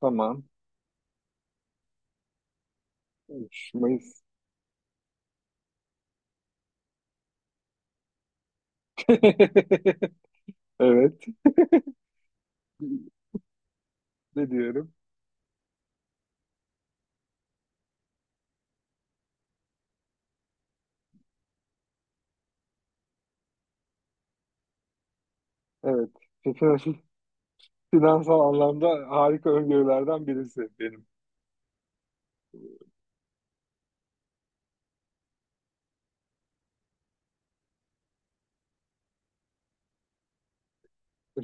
Tamam. 3 Mayıs. Evet. Ne diyorum? Evet. Fin- Finansal anlamda harika öngörülerden birisi benim.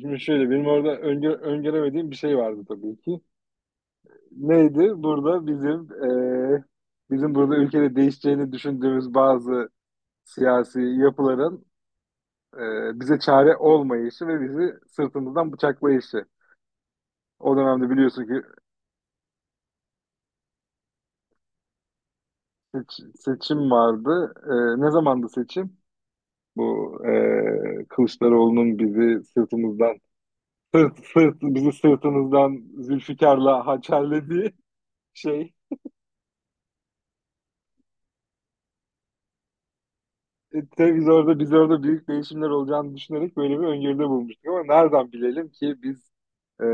Şimdi şöyle benim orada öngöremediğim bir şey vardı tabii ki. Neydi? Burada bizim eee, bizim burada ülkede değişeceğini düşündüğümüz bazı siyasi yapıların bize çare olmayışı ve bizi sırtımızdan bıçaklayışı. O dönemde biliyorsun ki seçim vardı. Ne zamandı seçim? Bu Kılıçdaroğlu'nun bizi sırtımızdan bizi sırtımızdan Zülfikar'la hançerlediği şey. E, Biz orada biz orada büyük değişimler olacağını düşünerek böyle bir öngörüde bulmuştuk ama nereden bilelim ki biz e,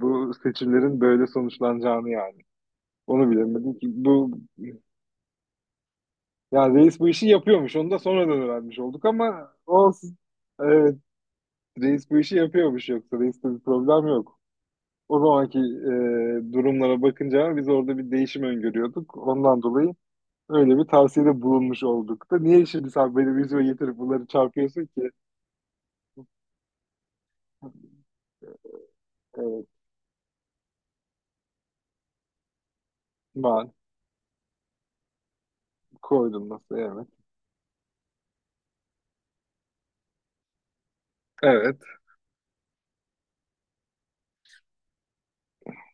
bu seçimlerin böyle sonuçlanacağını yani. Onu bilemedim ki bu, yani reis bu işi yapıyormuş. Onu da sonradan öğrenmiş olduk ama olsun. Evet, reis bu işi yapıyormuş, yoksa reiste bir problem yok. O zamanki durumlara bakınca biz orada bir değişim öngörüyorduk. Ondan dolayı öyle bir tavsiyede bulunmuş olduk da. Niye şimdi sen benim yüzüme getirip bunları çarpıyorsun ki? Evet, ben koydum, nasıl, evet. Evet.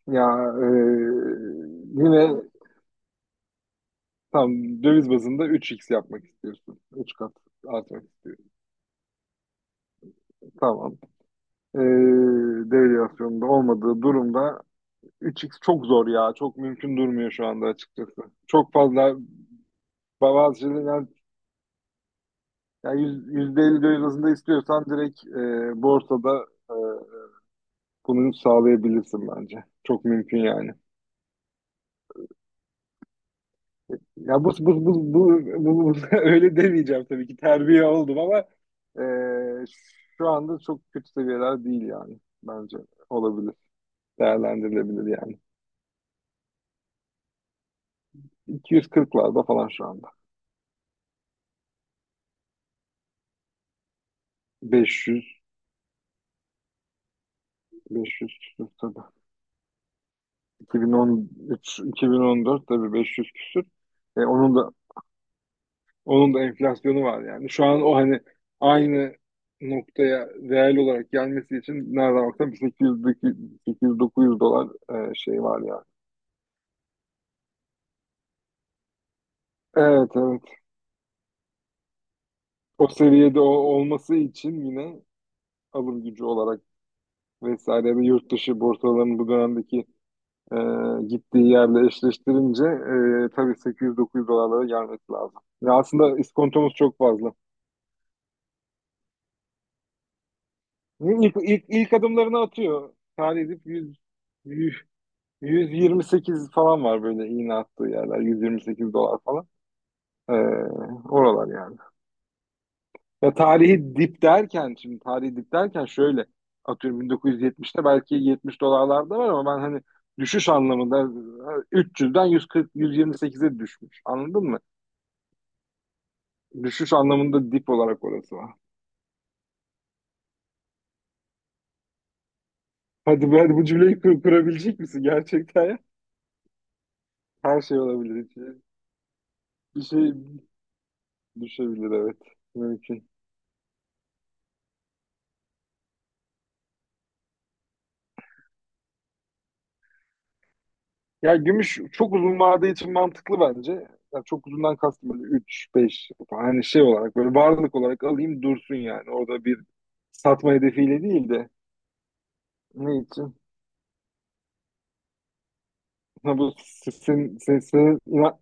Ya e, yine tam döviz bazında üç x yapmak istiyorsun. 3 kat artmak istiyorsun. Tamam. E, Devalüasyonda olmadığı durumda üç x çok zor ya. Çok mümkün durmuyor şu anda açıkçası. Çok fazla bazı şeyler. Yani %50 dövizinde istiyorsan direkt borsada e, bunu sağlayabilirsin bence. Çok mümkün yani. Ya bu, öyle demeyeceğim tabii ki, terbiye oldum, ama e, şu anda çok kötü seviyeler değil yani, bence olabilir. Değerlendirilebilir yani. 240'larda falan şu anda. 500, 500 küsür tabii. 2013, 2014 tabii 500 küsür. Onun da Onun da enflasyonu var yani. Şu an o, hani, aynı noktaya reel olarak gelmesi için nereden baksan bir 800-900 dolar şey var yani. Evet, evet. O seviyede olması için yine alım gücü olarak vesaire, ya da yurt dışı borsalarının bu dönemdeki e, gittiği yerle eşleştirince tabii 800-900 dolarlara gelmesi lazım. Ya aslında iskontomuz çok fazla. İlk adımlarını atıyor. Tarih edip 100, 128 falan var, böyle iğne attığı yerler. 128 dolar falan. Ee, Oralar yani. Ya tarihi dip derken, şimdi tarihi dip derken şöyle atıyorum 1970'te belki 70 dolarlarda var, ama ben hani düşüş anlamında 300'den 140 128'e düşmüş. Anladın mı? Düşüş anlamında dip olarak orası var. Hadi, hadi bu cümleyi kurabilecek misin gerçekten ya? Her şey olabilir. Bir şey düşebilir, evet. Mümkün. Ya gümüş çok uzun vade için mantıklı bence. Ya çok uzundan kastım böyle 3 beş, hani, şey olarak, böyle varlık olarak alayım dursun yani. Orada bir satma hedefiyle değil de ne için? Ha, bu sizin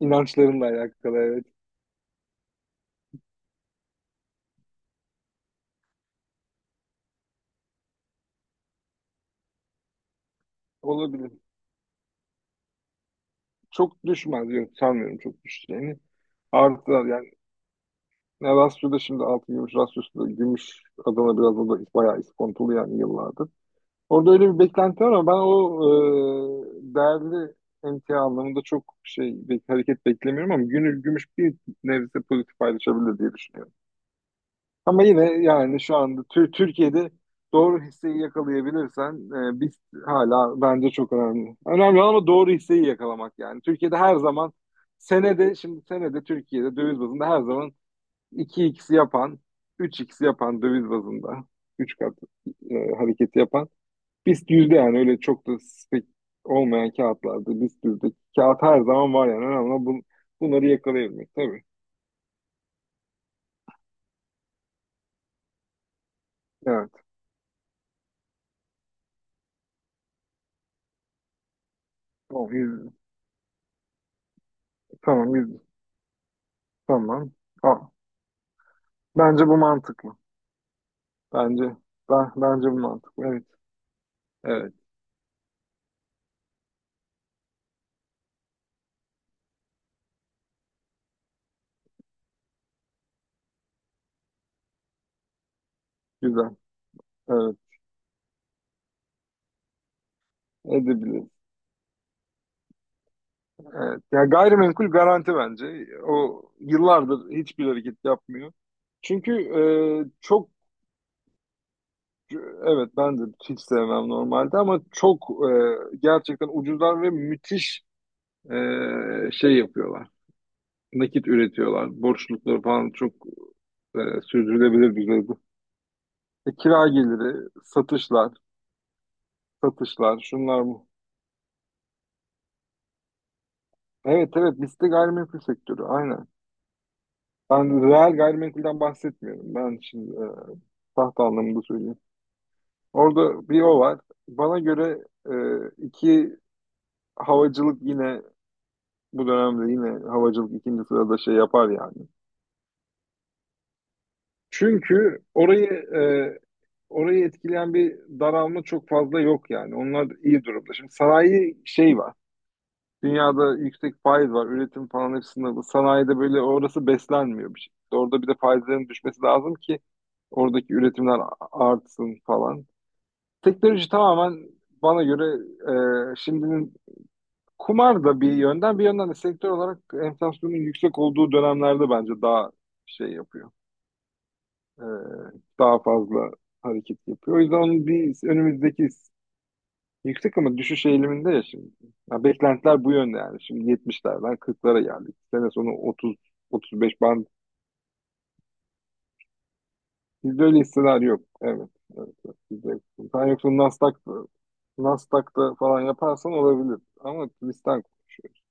inançlarınla alakalı, evet. Olabilir. Çok düşmez. Yok, sanmıyorum çok düşeceğini. Artılar yani. Ne, Rasyo'da şimdi altın gümüş, Rasyo'su da gümüş Adana, biraz o da bayağı iskontolu yani yıllardır. Orada öyle bir beklenti var, ama ben o değerli emtia anlamında çok şey, bir hareket beklemiyorum, ama günü gümüş bir nebze pozitif paylaşabilir diye düşünüyorum. Ama yine yani şu anda Türkiye'de doğru hisseyi yakalayabilirsen, biz hala bence çok önemli. Önemli olan ama doğru hisseyi yakalamak yani. Türkiye'de her zaman senede, şimdi senede Türkiye'de döviz bazında her zaman iki x yapan, üç x yapan, döviz bazında 3 kat hareketi yapan BIST yüzde yani, öyle çok da spek olmayan kağıtlarda BIST yüzde kağıt her zaman var yani, önemli olan bunları yakalayabilmek tabii. Evet. Tamam, yüzde. Tamam, yüzde. Tamam. Tamam. Bence bu mantıklı. Bence bence bu mantıklı. Evet. Evet. Güzel. Evet. Edebiliriz. Evet. Ya gayrimenkul garanti bence. O yıllardır hiçbir hareket yapmıyor. Çünkü çok, evet, ben de hiç sevmem normalde, ama çok gerçekten ucuzlar ve müthiş şey yapıyorlar. Nakit üretiyorlar. Borçlulukları falan çok sürdürülebilir düzeyde. Kira geliri, satışlar, şunlar bu. Evet, evet, liste gayrimenkul sektörü aynen. Ben reel gayrimenkulden bahsetmiyorum. Ben şimdi tahta anlamında söyleyeyim. Orada bir o var. Bana göre e, iki, havacılık yine bu dönemde, yine havacılık ikinci sırada şey yapar yani. Çünkü orayı etkileyen bir daralma çok fazla yok yani. Onlar iyi durumda. Şimdi sanayi şey var. Dünyada yüksek faiz var. Üretim falan hep sınırlı. Sanayide böyle orası beslenmiyor bir şekilde. Orada bir de faizlerin düşmesi lazım ki oradaki üretimler artsın falan. Teknoloji tamamen bana göre şimdinin, kumar da bir yönden, de sektör olarak enflasyonun yüksek olduğu dönemlerde bence daha şey yapıyor. E, Daha fazla hareket yapıyor. O yüzden onun bir önümüzdeki... Yüksek ama düşüş eğiliminde ya şimdi. Ya beklentiler bu yönde yani. Şimdi yetmişlerden kırklara geldik. Sene sonu 30 otuz beş band. Bizde öyle hisseler yok. Evet, evet, evet. Bizde yok. Sen yoksa Nasdaq'ta falan yaparsan olabilir. Ama bizden konuşuyoruz.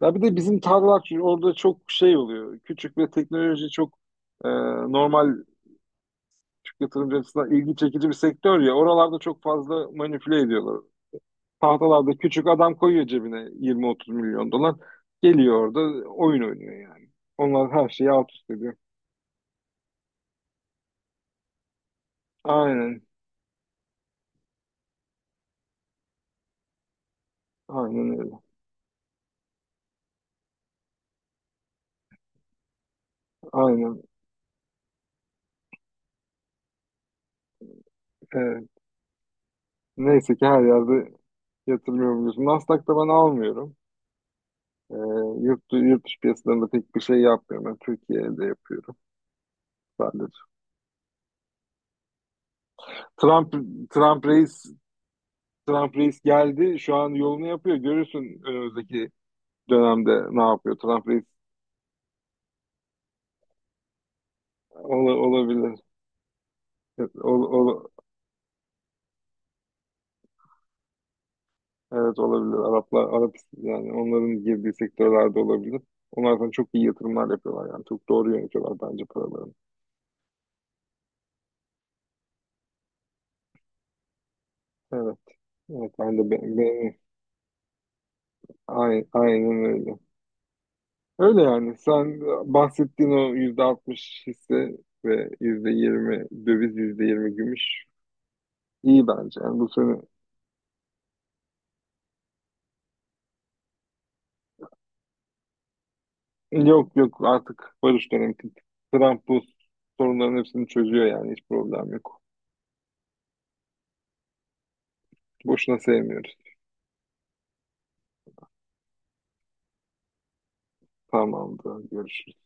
Ya bir de bizim tarlalar, çünkü orada çok şey oluyor. Küçük ve teknoloji çok e, normal Türk yatırımcı açısından ilgi çekici bir sektör ya. Oralarda çok fazla manipüle ediyorlar. Tahtalarda küçük adam koyuyor cebine 20-30 milyon dolar. Geliyor orada oyun oynuyor yani. Onlar her şeyi alt üst ediyor. Aynen. Aynen öyle. Aynen. Evet. Neyse ki her yerde yatırmıyor, biliyorsun. Nasdaq'ta ben almıyorum. Ee, Yurt dışı piyasalarında pek bir şey yapmıyorum. Ben Türkiye'de yapıyorum sadece. Trump, Trump reis, Trump reis geldi. Şu an yolunu yapıyor. Görürsün önümüzdeki dönemde ne yapıyor. Trump reis. Olabilir. Ol, ol, Evet, olabilir. Arap yani, onların girdiği sektörlerde olabilir. Onlar zaten çok iyi yatırımlar yapıyorlar yani. Çok doğru yönetiyorlar bence paralarını. Evet. Evet, ben de, aynen öyle. Öyle yani. Sen bahsettiğin o %60 hisse ve %20 döviz, %20 gümüş iyi bence. Yani bu sene, yok yok, artık barış dönemi. Trump bu sorunların hepsini çözüyor yani, hiç problem yok. Boşuna sevmiyoruz. Tamamdır. Görüşürüz.